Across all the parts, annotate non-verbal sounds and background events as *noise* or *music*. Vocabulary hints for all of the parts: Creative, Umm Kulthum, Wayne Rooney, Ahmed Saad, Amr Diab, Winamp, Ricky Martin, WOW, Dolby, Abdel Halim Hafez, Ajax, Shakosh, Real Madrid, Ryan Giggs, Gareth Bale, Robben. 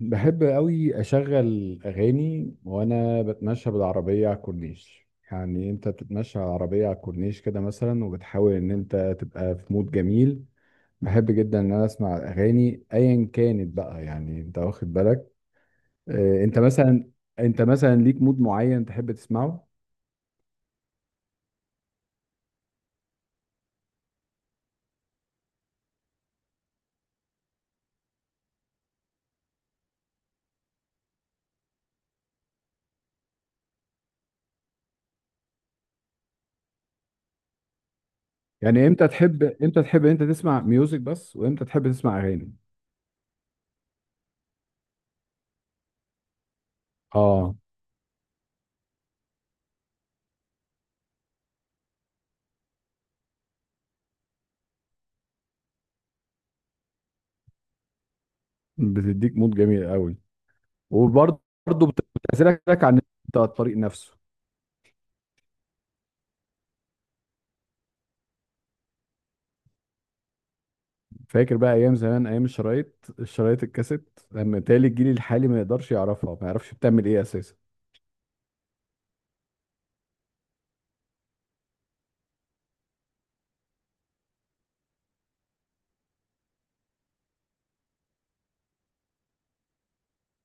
بحب قوي اشغل اغاني وانا بتمشى بالعربيه على الكورنيش. يعني انت بتتمشى على العربيه على الكورنيش كده مثلا وبتحاول ان انت تبقى في مود جميل. بحب جدا ان انا اسمع اغاني ايا كانت بقى، يعني انت واخد بالك. انت مثلا، انت مثلا ليك مود معين تحب تسمعه؟ يعني امتى تحب، امتى تحب انت تسمع ميوزك بس وامتى تحب تسمع اغاني؟ اه، بتديك مود جميل قوي. وبرضه بتعزلك عن الطريق نفسه. فاكر بقى ايام زمان، ايام الشرايط، الكاسيت، لما تالي الجيل الحالي ما يقدرش يعرفها، ما يعرفش بتعمل ايه اساسا.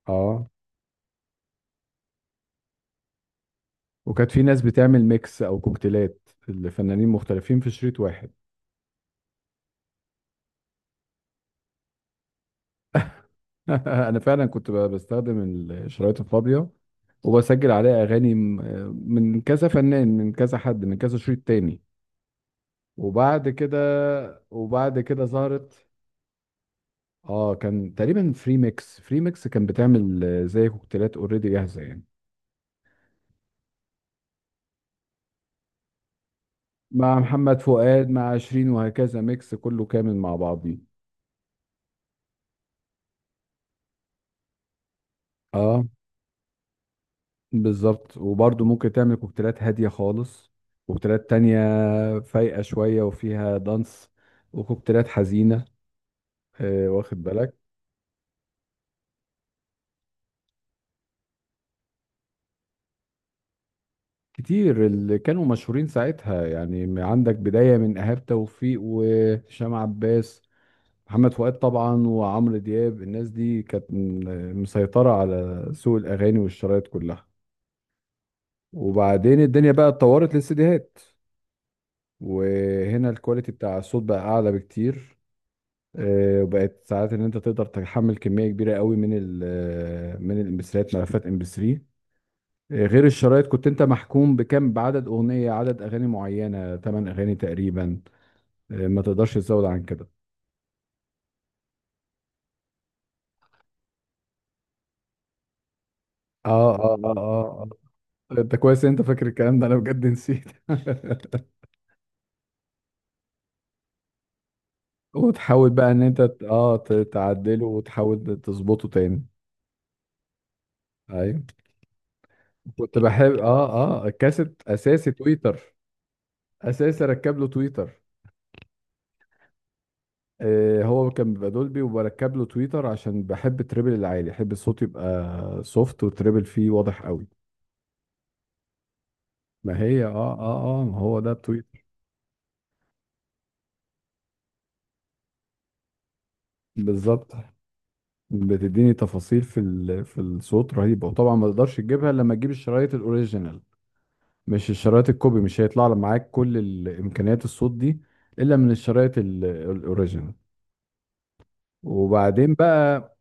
اه، وكانت في ناس بتعمل ميكس او كوكتيلات لفنانين مختلفين في شريط واحد. *laughs* انا فعلا كنت بستخدم الشرايط الفاضية وبسجل عليها اغاني من كذا فنان، من كذا حد، من كذا شريط تاني. وبعد كده وبعد كده ظهرت. اه، كان تقريبا فري ميكس، فري ميكس كان بتعمل زي كوكتيلات اوريدي جاهزة يعني. مع محمد فؤاد، مع عشرين، وهكذا، ميكس كله كامل مع بعضيه. اه بالظبط. وبرضه ممكن تعمل كوكتيلات هادية خالص، كوكتيلات تانية فايقة شوية وفيها دانس، وكوكتيلات حزينة. آه، واخد بالك. كتير اللي كانوا مشهورين ساعتها يعني، عندك بداية من إيهاب توفيق وهشام عباس، محمد فؤاد طبعا، وعمرو دياب. الناس دي كانت مسيطرة على سوق الأغاني والشرايط كلها. وبعدين الدنيا بقى اتطورت للسيديهات، وهنا الكواليتي بتاع الصوت بقى اعلى بكتير. وبقت ساعات ان انت تقدر تحمل كميه كبيره قوي من ال آه، من الامبسريات، ملفات ام بي 3. غير الشرايط، كنت انت محكوم بعدد عدد اغاني معينه، 8 اغاني تقريبا. ما تقدرش تزود عن كده. اه. آه، انت كويس إن انت فاكر الكلام ده، انا بجد نسيت. *laughs* وتحاول بقى ان انت تعدله وتحاول تظبطه تاني. ايوه، كنت بحب اه، اه، الكاسيت اساسي تويتر، اساسا ركب له تويتر. هو كان بيبقى دولبي وبركب له تويتر عشان بحب التريبل العالي، احب الصوت يبقى سوفت والتريبل فيه واضح قوي. ما هي اه، اه ما هو ده بتويتر. بالظبط. بتديني تفاصيل في الصوت رهيبه، وطبعا ما تقدرش تجيبها إلا لما تجيب الشرايط الاوريجينال. مش الشرايط الكوبي، مش هيطلع لك معاك كل الامكانيات الصوت دي الا من الشرايط الاوريجينال. وبعدين بقى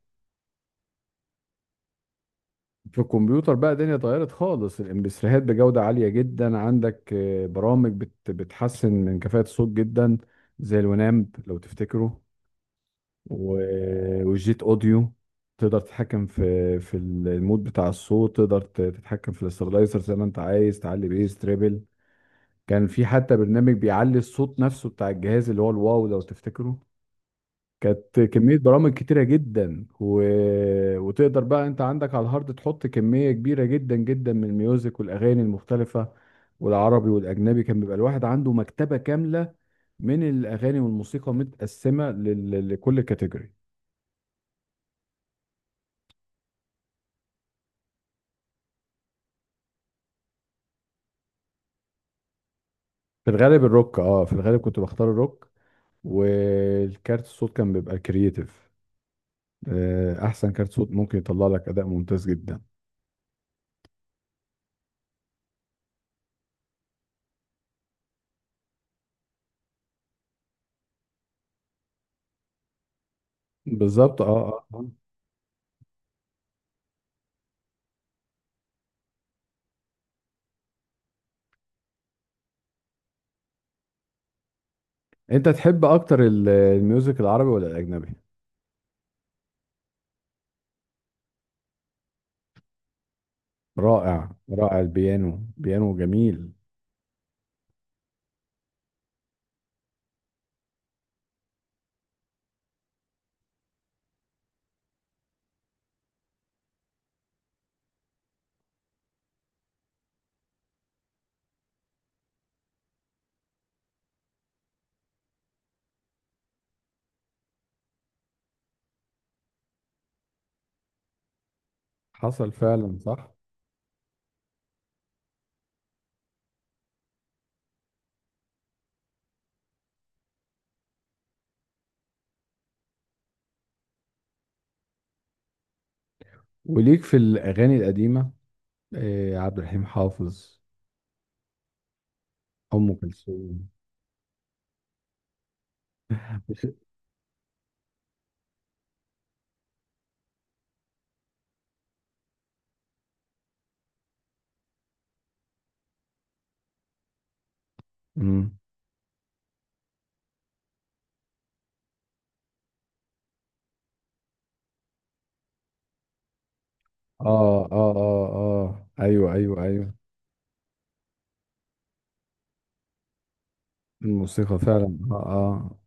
في الكمبيوتر بقى الدنيا اتغيرت خالص. الامبسريهات بجودة عالية جدا، عندك برامج بتحسن من كفاءة الصوت جدا، زي الونامب لو تفتكره، والجيت اوديو. تقدر تتحكم في المود بتاع الصوت، تقدر تتحكم في الاسترلايزر زي ما انت عايز، تعلي بيس، تريبل. كان في حتى برنامج بيعلي الصوت نفسه بتاع الجهاز، اللي هو الواو لو تفتكره. كانت كمية برامج كتيرة جدا وتقدر بقى انت عندك على الهارد تحط كمية كبيرة جدا جدا من الميوزك والأغاني المختلفة. والعربي والأجنبي، كان بيبقى الواحد عنده مكتبة كاملة من الأغاني والموسيقى، متقسمة لكل كاتيجوري. في الغالب الروك، اه في الغالب كنت بختار الروك. والكارت الصوت كان بيبقى كرييتيف، أحسن كارت صوت ممكن يطلع لك أداء ممتاز جدا. بالظبط اه اه. آه، انت تحب اكتر الميوزك العربي ولا الأجنبي؟ رائع رائع، البيانو، بيانو جميل. حصل فعلا صح. وليك في الأغاني القديمة إيه؟ عبد الحليم حافظ؟ أم كلثوم؟ مم. آه. أيوه. الموسيقى فعلا، آه آه.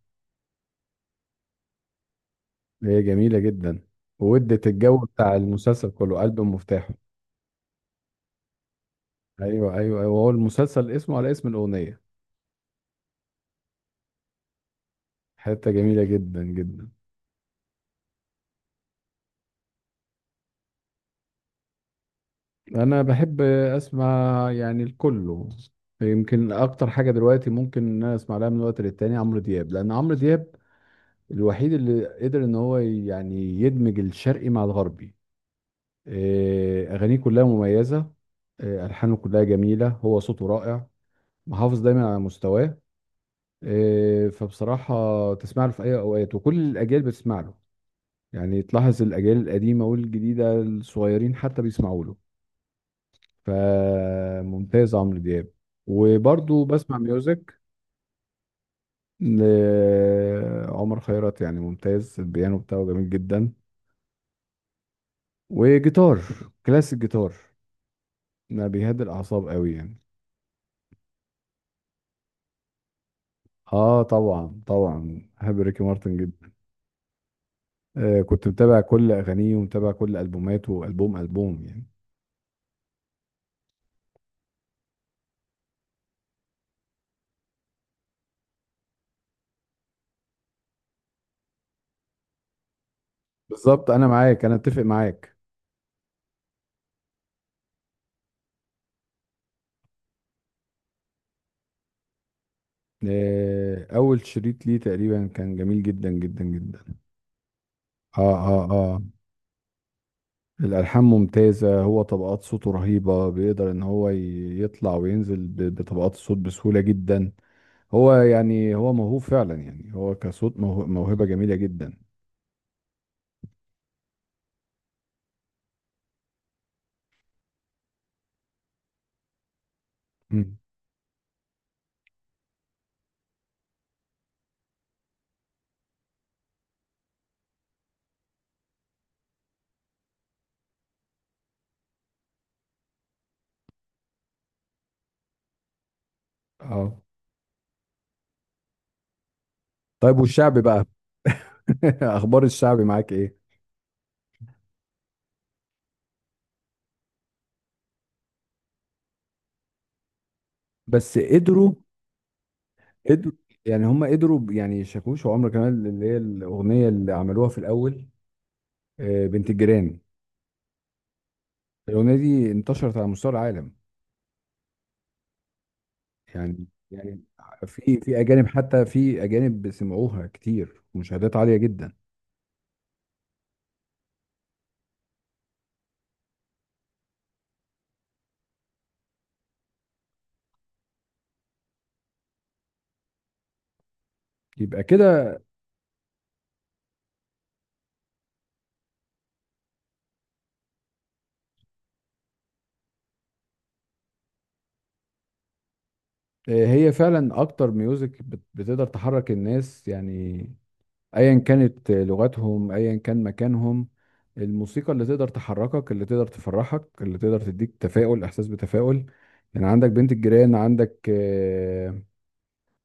هي جميلة جدا وادت الجو بتاع المسلسل كله، قلب مفتاحه. أيوه، هو المسلسل اسمه على اسم الأغنية. حتة جميلة جدا جدا. انا بحب اسمع يعني الكله. يمكن اكتر حاجه دلوقتي ممكن ان انا اسمع لها من وقت للتاني عمرو دياب، لان عمرو دياب الوحيد اللي قدر ان هو يعني يدمج الشرقي مع الغربي. إيه، اغانيه كلها مميزه، إيه، الحانه كلها جميله، هو صوته رائع، محافظ دايما على مستواه. إيه، فبصراحه تسمع له في اي اوقات، وكل الاجيال بتسمع له. يعني تلاحظ الاجيال القديمه والجديده، الصغيرين حتى بيسمعوا له. فممتاز عمرو دياب. وبرضو بسمع ميوزك لعمر خيرت، يعني ممتاز. البيانو بتاعه جميل جدا، وجيتار، كلاسيك جيتار، ما بيهدي الأعصاب قوي يعني. اه طبعا، طبعا بحب ريكي مارتن جدا. آه، كنت متابع كل أغانيه ومتابع كل ألبوماته، ألبوم ألبوم يعني. بالظبط، أنا معاك، أنا أتفق معاك. آه، أول شريط ليه تقريبا كان جميل جدا جدا جدا. اه اه. الألحان ممتازة، هو طبقات صوته رهيبة، بيقدر إن هو يطلع وينزل بطبقات الصوت بسهولة جدا. هو يعني هو موهوب فعلا، يعني هو كصوت موهبة جميلة جدا. مم. اه طيب، والشعبي بقى؟ *laughs* أخبار الشعبي معاك إيه؟ بس قدروا، قدروا يعني. هم قدروا يعني شاكوش وعمرو كمال، اللي هي الأغنية اللي عملوها في الأول، بنت الجيران. الأغنية دي انتشرت على مستوى العالم، يعني يعني في اجانب، حتى في اجانب سمعوها كتير، ومشاهدات عاليه جدا. يبقى كده. هي فعلا اكتر ميوزك بتقدر تحرك الناس يعني، ايا كانت لغتهم، ايا كان مكانهم. الموسيقى اللي تقدر تحركك، اللي تقدر تفرحك، اللي تقدر تديك تفاؤل، احساس بتفاؤل. يعني عندك بنت الجيران، عندك آه،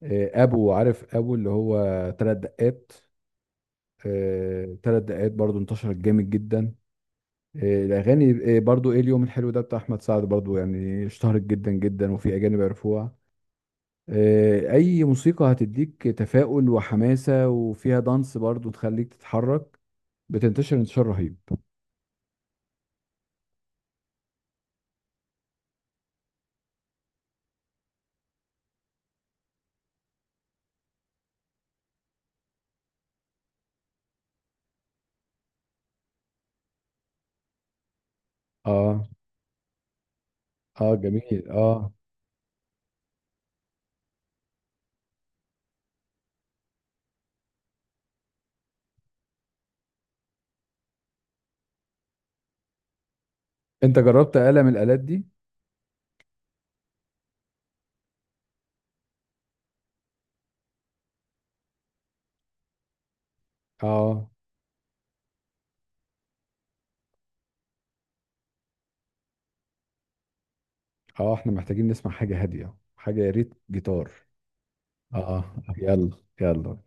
آه، ابو عارف، ابو اللي هو ثلاث دقات. ثلاث دقات برضو انتشرت جامد جدا. إيه، الاغاني، إيه، برضو ايه اليوم الحلو ده بتاع احمد سعد، برضو يعني اشتهرت جدا جدا، وفي اجانب عرفوها. إيه، اي موسيقى هتديك تفاؤل وحماسة وفيها دانس برضو تخليك تتحرك، بتنتشر انتشار رهيب. اه اه جميل اه. انت جربت آلة من الآلات دي؟ اه اه، احنا محتاجين نسمع حاجة هادية، حاجة يا ريت جيتار. اه يلا يلا.